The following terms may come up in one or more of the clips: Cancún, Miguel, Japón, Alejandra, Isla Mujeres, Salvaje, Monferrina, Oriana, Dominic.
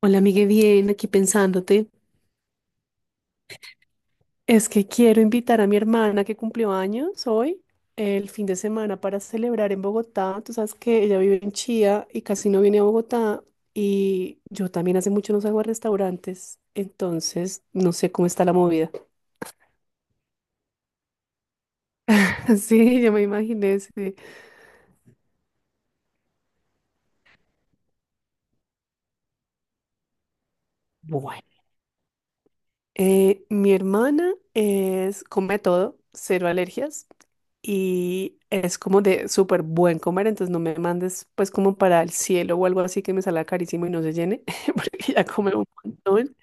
Hola, amigue, bien, aquí pensándote. Es que quiero invitar a mi hermana que cumplió años hoy, el fin de semana, para celebrar en Bogotá. Tú sabes que ella vive en Chía y casi no viene a Bogotá. Y yo también hace mucho no salgo a restaurantes, entonces no sé cómo está la movida. Sí, yo me imaginé. Sí. Bueno. Mi hermana es, come todo, cero alergias y es como de súper buen comer, entonces no me mandes pues como para el cielo o algo así que me salga carísimo y no se llene, porque ya come un montón.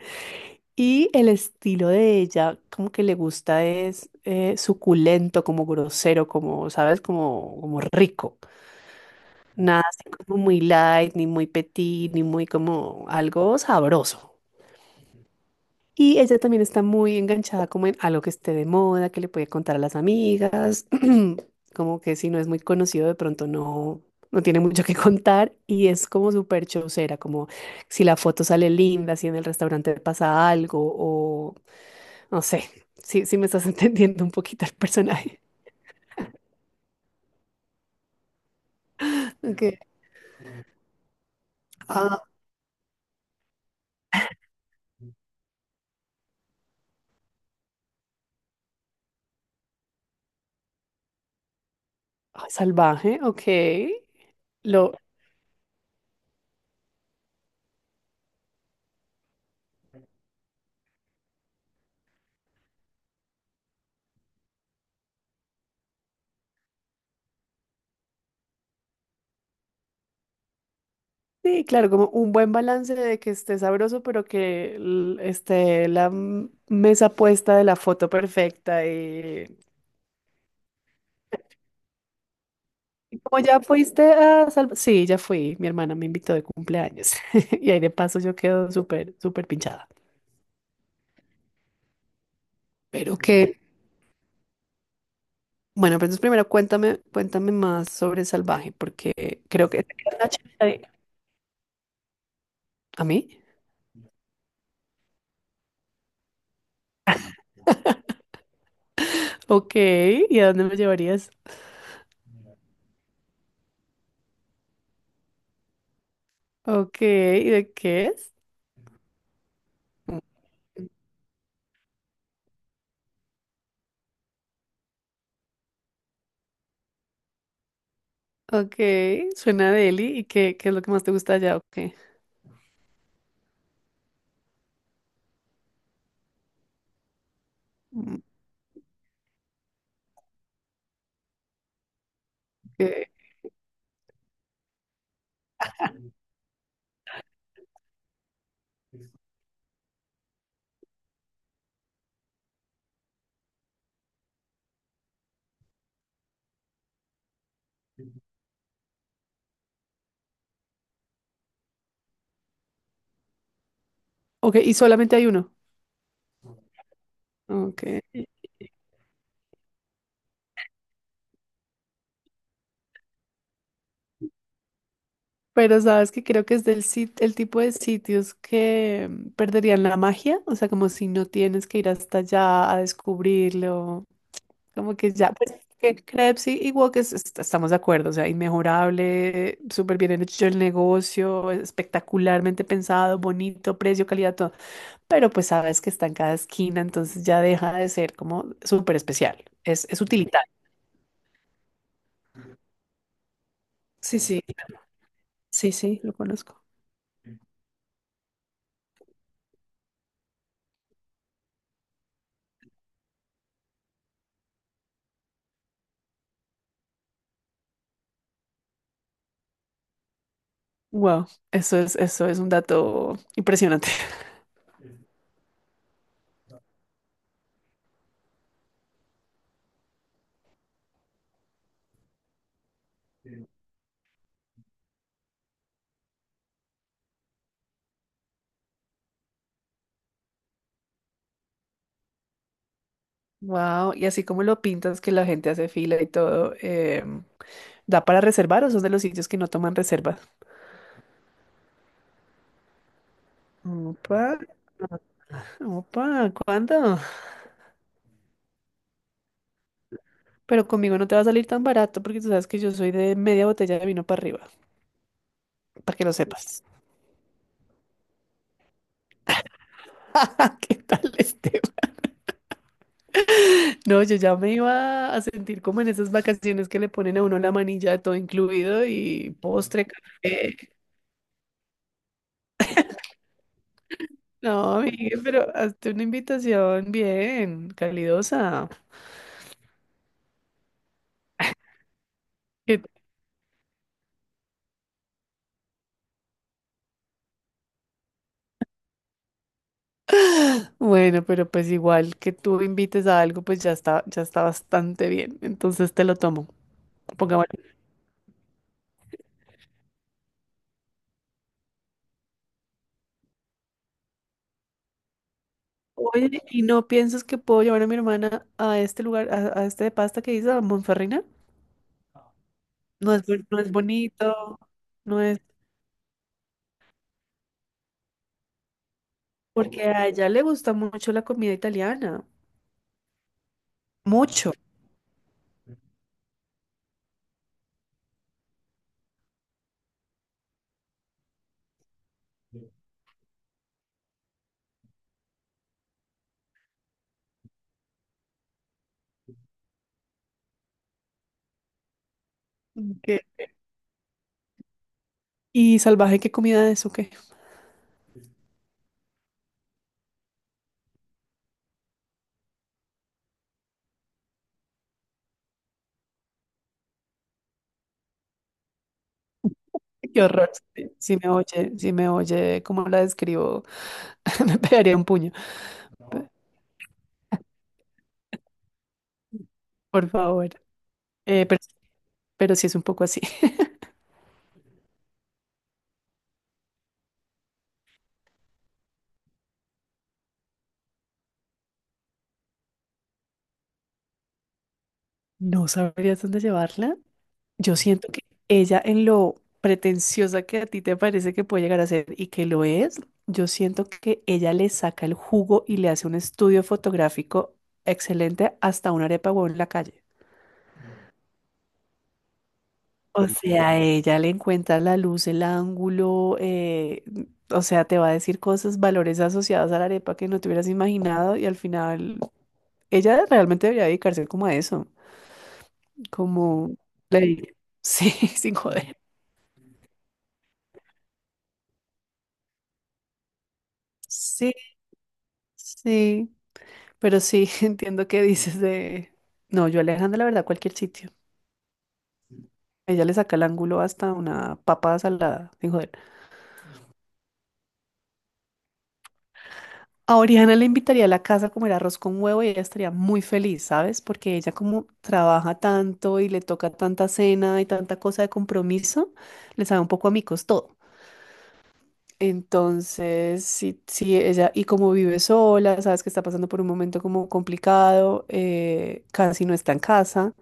Y el estilo de ella, como que le gusta es suculento, como grosero, como, ¿sabes? Como rico. Nada así como muy light, ni muy petit, ni muy como algo sabroso. Y ella también está muy enganchada como en algo que esté de moda, que le puede contar a las amigas, como que si no es muy conocido de pronto no, no tiene mucho que contar y es como súper chocera, como si la foto sale linda, si en el restaurante pasa algo o no sé, si me estás entendiendo un poquito el personaje. Ok. Ah, salvaje, ok. Lo, Sí, claro, como un buen balance de que esté sabroso, pero que esté la mesa puesta de la foto perfecta. Y como ya fuiste a Salva-. Sí, ya fui. Mi hermana me invitó de cumpleaños. Y ahí de paso yo quedo súper, súper pinchada. Pero que, bueno, pero entonces primero cuéntame, cuéntame más sobre Salvaje, porque creo que... te queda una chispa. ¿A mí? Ok, ¿y a dónde me llevarías? Ok, ¿y de qué es? Ok, suena deli. ¿Y qué es lo que más te gusta allá? Ok. Ok. Ok, y solamente hay uno. Ok. Pero sabes que creo que es el tipo de sitios que perderían la magia, o sea, como si no tienes que ir hasta allá a descubrirlo, como que ya, pues, que crepes y Wok estamos de acuerdo, o sea, inmejorable, súper bien hecho el negocio, espectacularmente pensado, bonito, precio, calidad, todo. Pero pues sabes que está en cada esquina, entonces ya deja de ser como súper especial. Es utilitario. Sí, sí, sí, sí, lo conozco. Wow, eso es un dato impresionante. Wow, y así como lo pintas que la gente hace fila y todo. ¿Da para reservar o son de los sitios que no toman reservas? Opa. Opa, ¿cuándo? Pero conmigo no te va a salir tan barato porque tú sabes que yo soy de media botella de vino para arriba, para que lo sepas. ¿Qué tal este? No, yo ya me iba a sentir como en esas vacaciones que le ponen a uno la manilla de todo incluido y postre, café. No, amigue, pero hazte una invitación bien, calidosa. ¿Qué t- Bueno, pero pues igual que tú invites a algo, pues ya está bastante bien. Entonces te lo tomo. Pongámosle. Oye, ¿y no piensas que puedo llevar a mi hermana a este lugar, a este de pasta que dices, a Monferrina? No es bonito, no es... Porque a ella le gusta mucho la comida italiana. Mucho. Ok. ¿Y salvaje qué comida es o qué? Qué horror. Si me oye, si me oye, ¿cómo la describo? Me pegaría un puño. Pe- Por favor. Eh, pero, pero sí es un poco así. No sabrías dónde llevarla. Yo siento que ella en lo pretenciosa que a ti te parece que puede llegar a ser y que lo es, yo siento que ella le saca el jugo y le hace un estudio fotográfico excelente hasta una arepa o en la calle. O sea, ella le encuentra la luz, el ángulo, o sea, te va a decir cosas, valores asociados a la arepa que no te hubieras imaginado y al final ella realmente debería dedicarse como a eso, como le dije. Sí, sin joder. Sí, sí, pero sí, entiendo que dices de... No, yo a Alejandra, la verdad, cualquier sitio. Ella le saca el ángulo hasta una papa salada, sin joder. A Oriana le invitaría a la casa a comer arroz con huevo y ella estaría muy feliz, ¿sabes? Porque ella como trabaja tanto y le toca tanta cena y tanta cosa de compromiso, le sabe un poco a micos todo. Entonces, sí, sí, ella, y como vive sola, sabes que está pasando por un momento como complicado, casi no está en casa.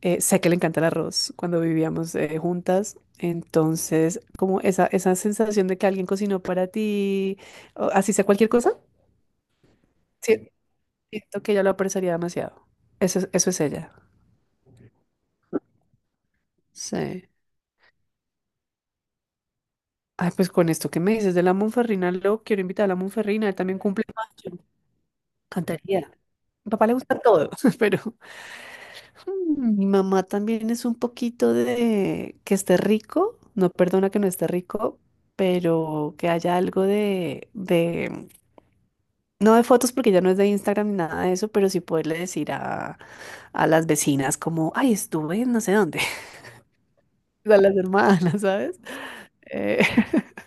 Sé que le encanta el arroz cuando vivíamos juntas. Entonces, como esa sensación de que alguien cocinó para ti, o así sea cualquier cosa. Sí. Siento que ella lo apreciaría demasiado. Eso es ella. Sí. Ay, pues con esto que me dices de la Monferrina, lo quiero invitar a la Monferrina, él también cumple años. Cantaría. Mi papá le gusta todo, pero. Mi mamá también es un poquito de que esté rico, no perdona que no esté rico, pero que haya algo no de fotos porque ya no es de Instagram ni nada de eso, pero sí poderle decir a las vecinas como, ay, estuve en no sé dónde. A las hermanas, ¿sabes? Eh,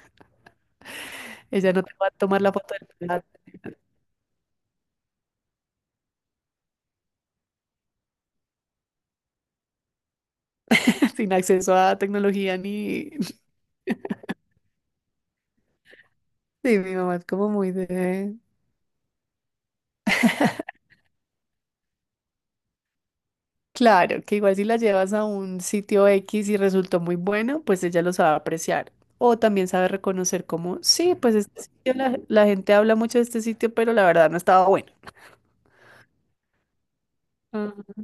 ella no te va a tomar la foto del plato. Sin acceso a tecnología ni... Sí, mi mamá es como muy de... Claro, que igual si la llevas a un sitio X y resultó muy bueno, pues ella lo sabe apreciar. O también sabe reconocer como, sí, pues este sitio, la gente habla mucho de este sitio, pero la verdad no estaba bueno. Ajá.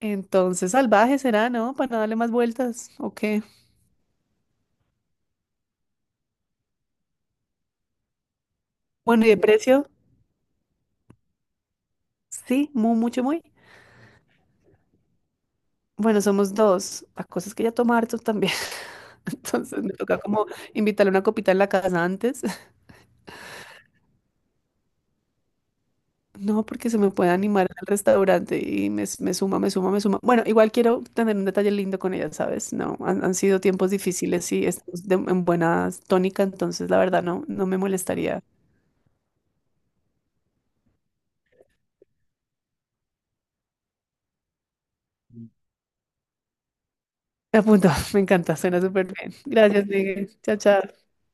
Entonces, salvaje será, ¿no? Para no darle más vueltas. O qué. Bueno, ¿y de precio? Sí, muy, mucho, muy. Bueno, somos dos. La cosa es que ella toma harto también. Entonces me toca como invitarle una copita en la casa antes. No, porque se me puede animar al restaurante y me suma, me suma, me suma. Bueno, igual quiero tener un detalle lindo con ella, ¿sabes? No, han sido tiempos difíciles y estamos en buena tónica, entonces la verdad no, no me molestaría. Me apunto, me encanta, suena súper bien. Gracias, Miguel. Chao, chao.